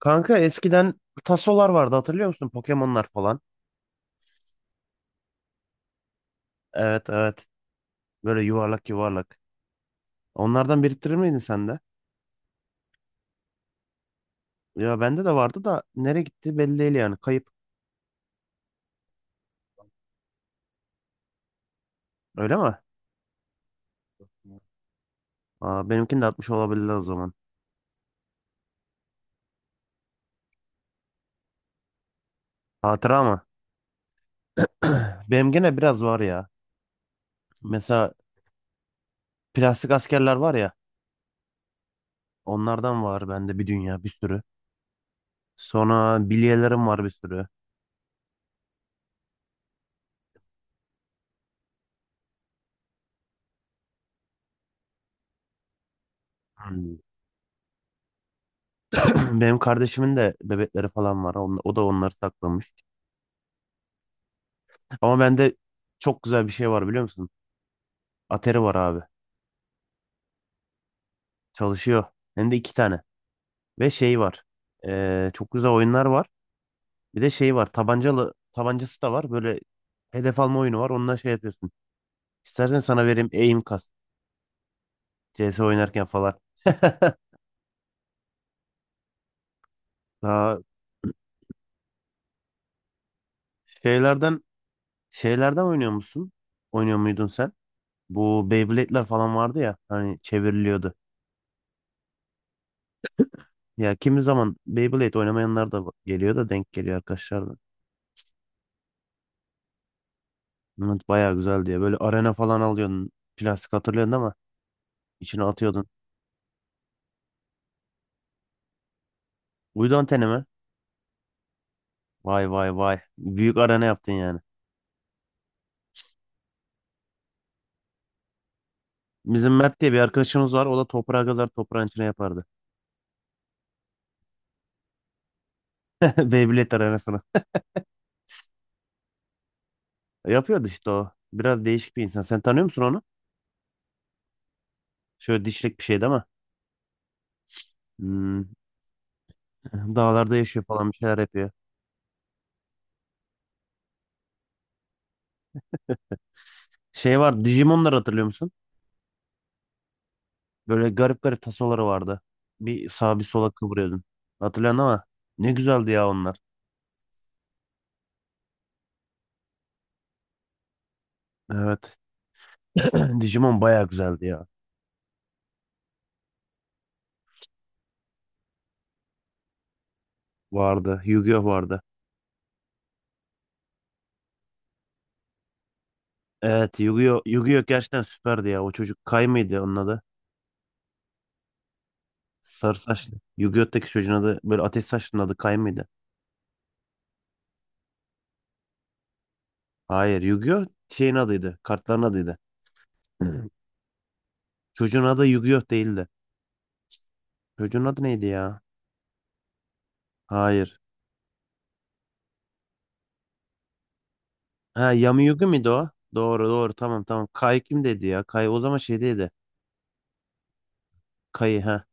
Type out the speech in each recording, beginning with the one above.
Kanka eskiden tasolar vardı hatırlıyor musun? Pokemon'lar falan. Evet evet. Böyle yuvarlak yuvarlak. Onlardan biriktirir miydin sen de? Ya bende de vardı da nereye gitti belli değil yani. Kayıp. Öyle mi? Aa, benimkini de atmış olabilirler o zaman. Hatıra mı? Benim gene biraz var ya. Mesela plastik askerler var ya. Onlardan var bende bir dünya bir sürü. Sonra bilyelerim var bir sürü. Hmm. Benim kardeşimin de bebekleri falan var. O da onları saklamış. Ama bende çok güzel bir şey var biliyor musun? Atari var abi. Çalışıyor. Hem de iki tane. Ve şey var. Çok güzel oyunlar var. Bir de şey var. Tabancalı tabancası da var. Böyle hedef alma oyunu var. Onunla şey yapıyorsun. İstersen sana vereyim aim kas. CS oynarken falan. Daha şeylerden şeylerden oynuyor musun? Oynuyor muydun sen? Bu Beyblade'ler falan vardı ya. Hani çevriliyordu. Ya kimi zaman Beyblade oynamayanlar da geliyor da denk geliyor arkadaşlar da. Bunlar bayağı güzel diye. Böyle arena falan alıyorsun. Plastik hatırlıyorsun değil mi? İçine atıyordun. Uydu anteni mi? Vay vay vay. Büyük arena yaptın yani. Bizim Mert diye bir arkadaşımız var. O da toprağa kazar toprağın içine yapardı. Beyblade arenasına. Yapıyordu işte o. Biraz değişik bir insan. Sen tanıyor musun onu? Şöyle dişlik bir şey değil mi? Hmm, dağlarda yaşıyor falan bir şeyler yapıyor. Şey var, Digimon'ları hatırlıyor musun? Böyle garip garip tasoları vardı. Bir sağa bir sola kıvırıyordun. Hatırlıyorsun ama ne güzeldi ya onlar. Evet. Digimon bayağı güzeldi ya. Vardı. Yu-Gi-Oh vardı. Evet, Yu-Gi-Oh! Yu-Gi-Oh! Gerçekten süperdi ya. O çocuk Kay mıydı onun adı? Sarı saçlı. Yu-Gi-Oh!'taki çocuğun adı, böyle ateş saçlının adı Kay mıydı? Hayır, Yu-Gi-Oh! Şeyin adıydı. Kartların adıydı. Çocuğun adı Yu-Gi-Oh! Değildi. Çocuğun adı neydi ya? Hayır. Ha, Yami Yugi miydi o? Doğru doğru tamam tamam. Kay kim dedi ya? Kay o zaman şeydeydi. Kayı ha.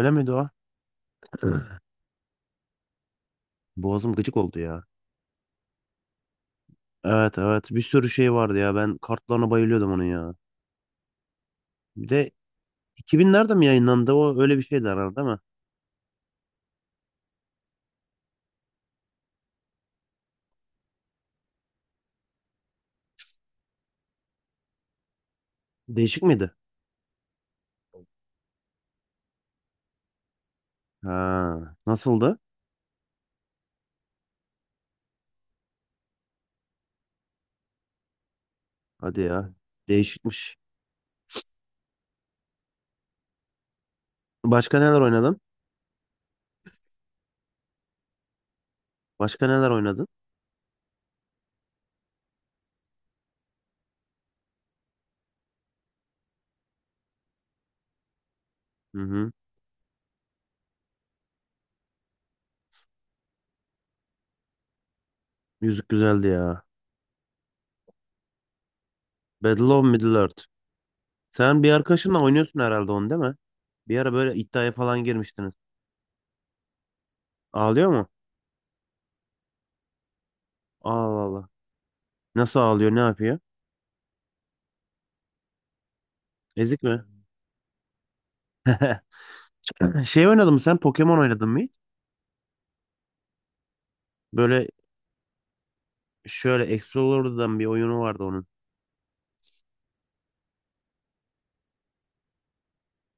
Öyle miydi o? Boğazım gıcık oldu ya. Evet evet, bir sürü şey vardı ya. Ben kartlarına bayılıyordum onun ya. Bir de 2000'lerde mi yayınlandı? O öyle bir şeydi herhalde değil mi? Değişik miydi? Ha, nasıldı? Hadi ya. Değişikmiş. Başka neler oynadın? Başka neler oynadın? Hı hı. Müzik güzeldi ya. Battle of Middle-earth. Sen bir arkadaşınla oynuyorsun herhalde onu değil mi? Bir ara böyle iddiaya falan girmiştiniz. Ağlıyor mu? Allah Allah. Nasıl ağlıyor? Ne yapıyor? Ezik mi? Şey oynadın mı sen? Pokemon oynadın mı hiç? Böyle şöyle Explorer'dan bir oyunu vardı onun.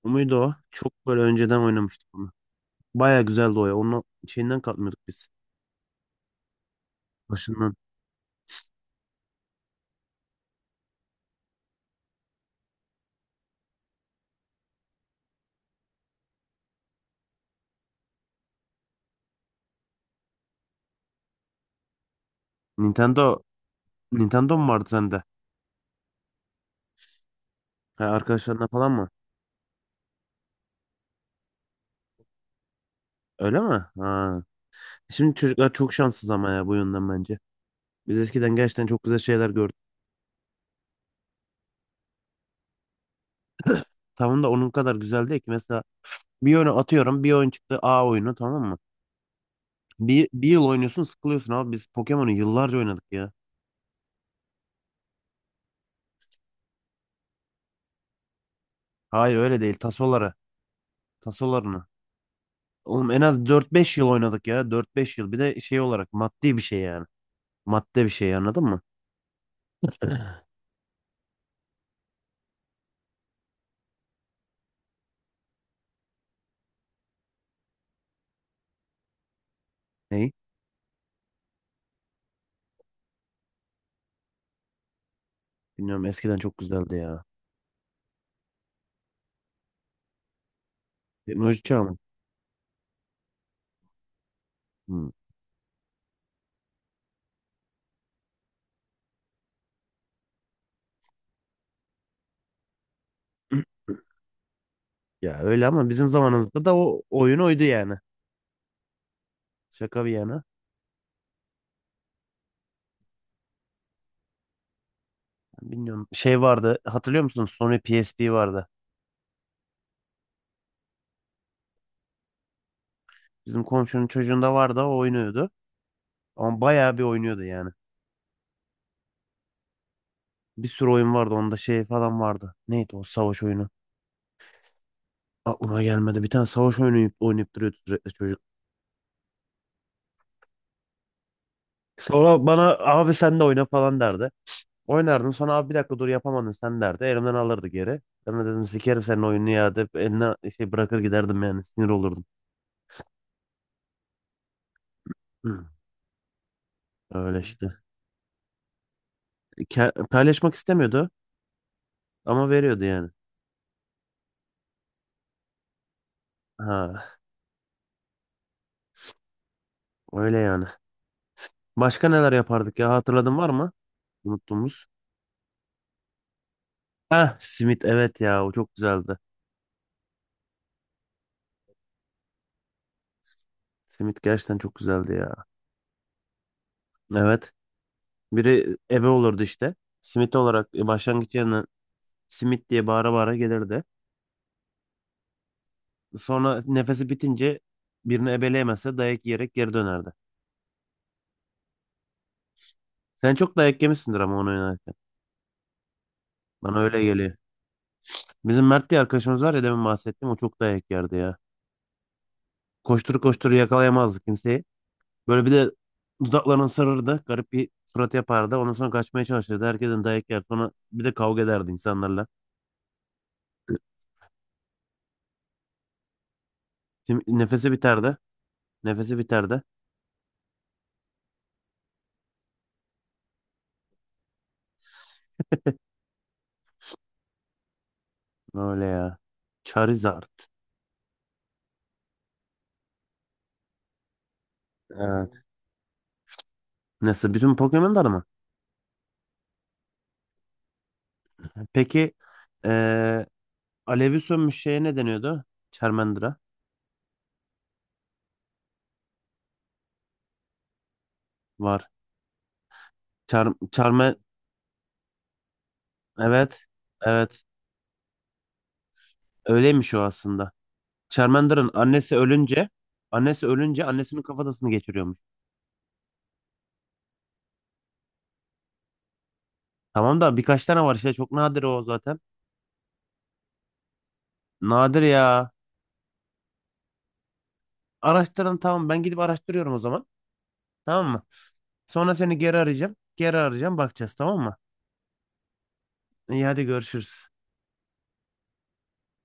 O muydu o? Çok böyle önceden oynamıştık onu. Baya güzeldi o ya. Onun şeyinden kalkmıyorduk biz. Başından. Nintendo Nintendo mu vardı sende? Ha, arkadaşlarına falan mı? Öyle mi? Ha. Şimdi çocuklar çok şanssız ama ya bu yönden bence. Biz eskiden gerçekten çok güzel şeyler gördük. Tamam da onun kadar güzel değil ki. Mesela bir oyunu atıyorum. Bir oyun çıktı. A oyunu tamam mı? Bir yıl oynuyorsun sıkılıyorsun abi. Biz Pokemon'u yıllarca oynadık ya. Hayır öyle değil. Tasoları. Tasolarını. Oğlum en az dört beş yıl oynadık ya. Dört beş yıl. Bir de şey olarak maddi bir şey yani. Madde bir şey anladın mı? Neyi? Bilmiyorum, eskiden çok güzeldi ya. Teknoloji çağı mı? Hmm. Ya öyle ama bizim zamanımızda da o oyun oydu yani. Şaka bir yana. Bilmiyorum. Şey vardı. Hatırlıyor musunuz? Sony PSP vardı. Bizim komşunun çocuğunda vardı. O oynuyordu. Ama bayağı bir oynuyordu yani. Bir sürü oyun vardı. Onda şey falan vardı. Neydi o savaş oyunu? Aklıma gelmedi. Bir tane savaş oyunu oynayıp, oynayıp duruyordu sürekli çocuk. Sonra bana abi sen de oyna falan derdi. Oynardım. Sonra abi bir dakika dur yapamadın sen derdi. Elimden alırdı geri. Ben de dedim sikerim senin oyununu ya deyip eline şey bırakır giderdim yani. Sinir olurdum. Hı. Öyle işte. Paylaşmak istemiyordu ama veriyordu yani. Ha, öyle yani. Başka neler yapardık ya, hatırladın var mı? Unuttuğumuz. Ha, simit, evet ya, o çok güzeldi. Simit gerçekten çok güzeldi ya. Evet. Biri ebe olurdu işte. Simit olarak başlangıç yerine simit diye bağıra bağıra gelirdi. Sonra nefesi bitince birini ebeleyemezse dayak yiyerek geri dönerdi. Sen çok dayak yemişsindir ama onu oynarken. Bana öyle geliyor. Bizim Mert diye arkadaşımız var ya, demin bahsettim, o çok dayak yerdi ya. Koştur koştur yakalayamazdı kimseyi. Böyle bir de dudaklarını ısırırdı. Garip bir surat yapardı. Ondan sonra kaçmaya çalışırdı. Herkesin dayak yer. Sonra bir de kavga ederdi insanlarla. Şimdi nefesi biterdi. Nefesi biterdi. Öyle ya. Charizard. Evet. Nasıl? Bütün Pokemon'lar mı? Peki eee alevi sönmüş şeye ne deniyordu? Charmander'a var. Charme evet. Evet. Öyleymiş o aslında. Charmander'ın annesi ölünce annesinin kafatasını geçiriyormuş. Tamam da birkaç tane var işte, çok nadir o zaten. Nadir ya. Araştırın, tamam ben gidip araştırıyorum o zaman. Tamam mı? Sonra seni geri arayacağım. Geri arayacağım, bakacağız tamam mı? İyi hadi görüşürüz.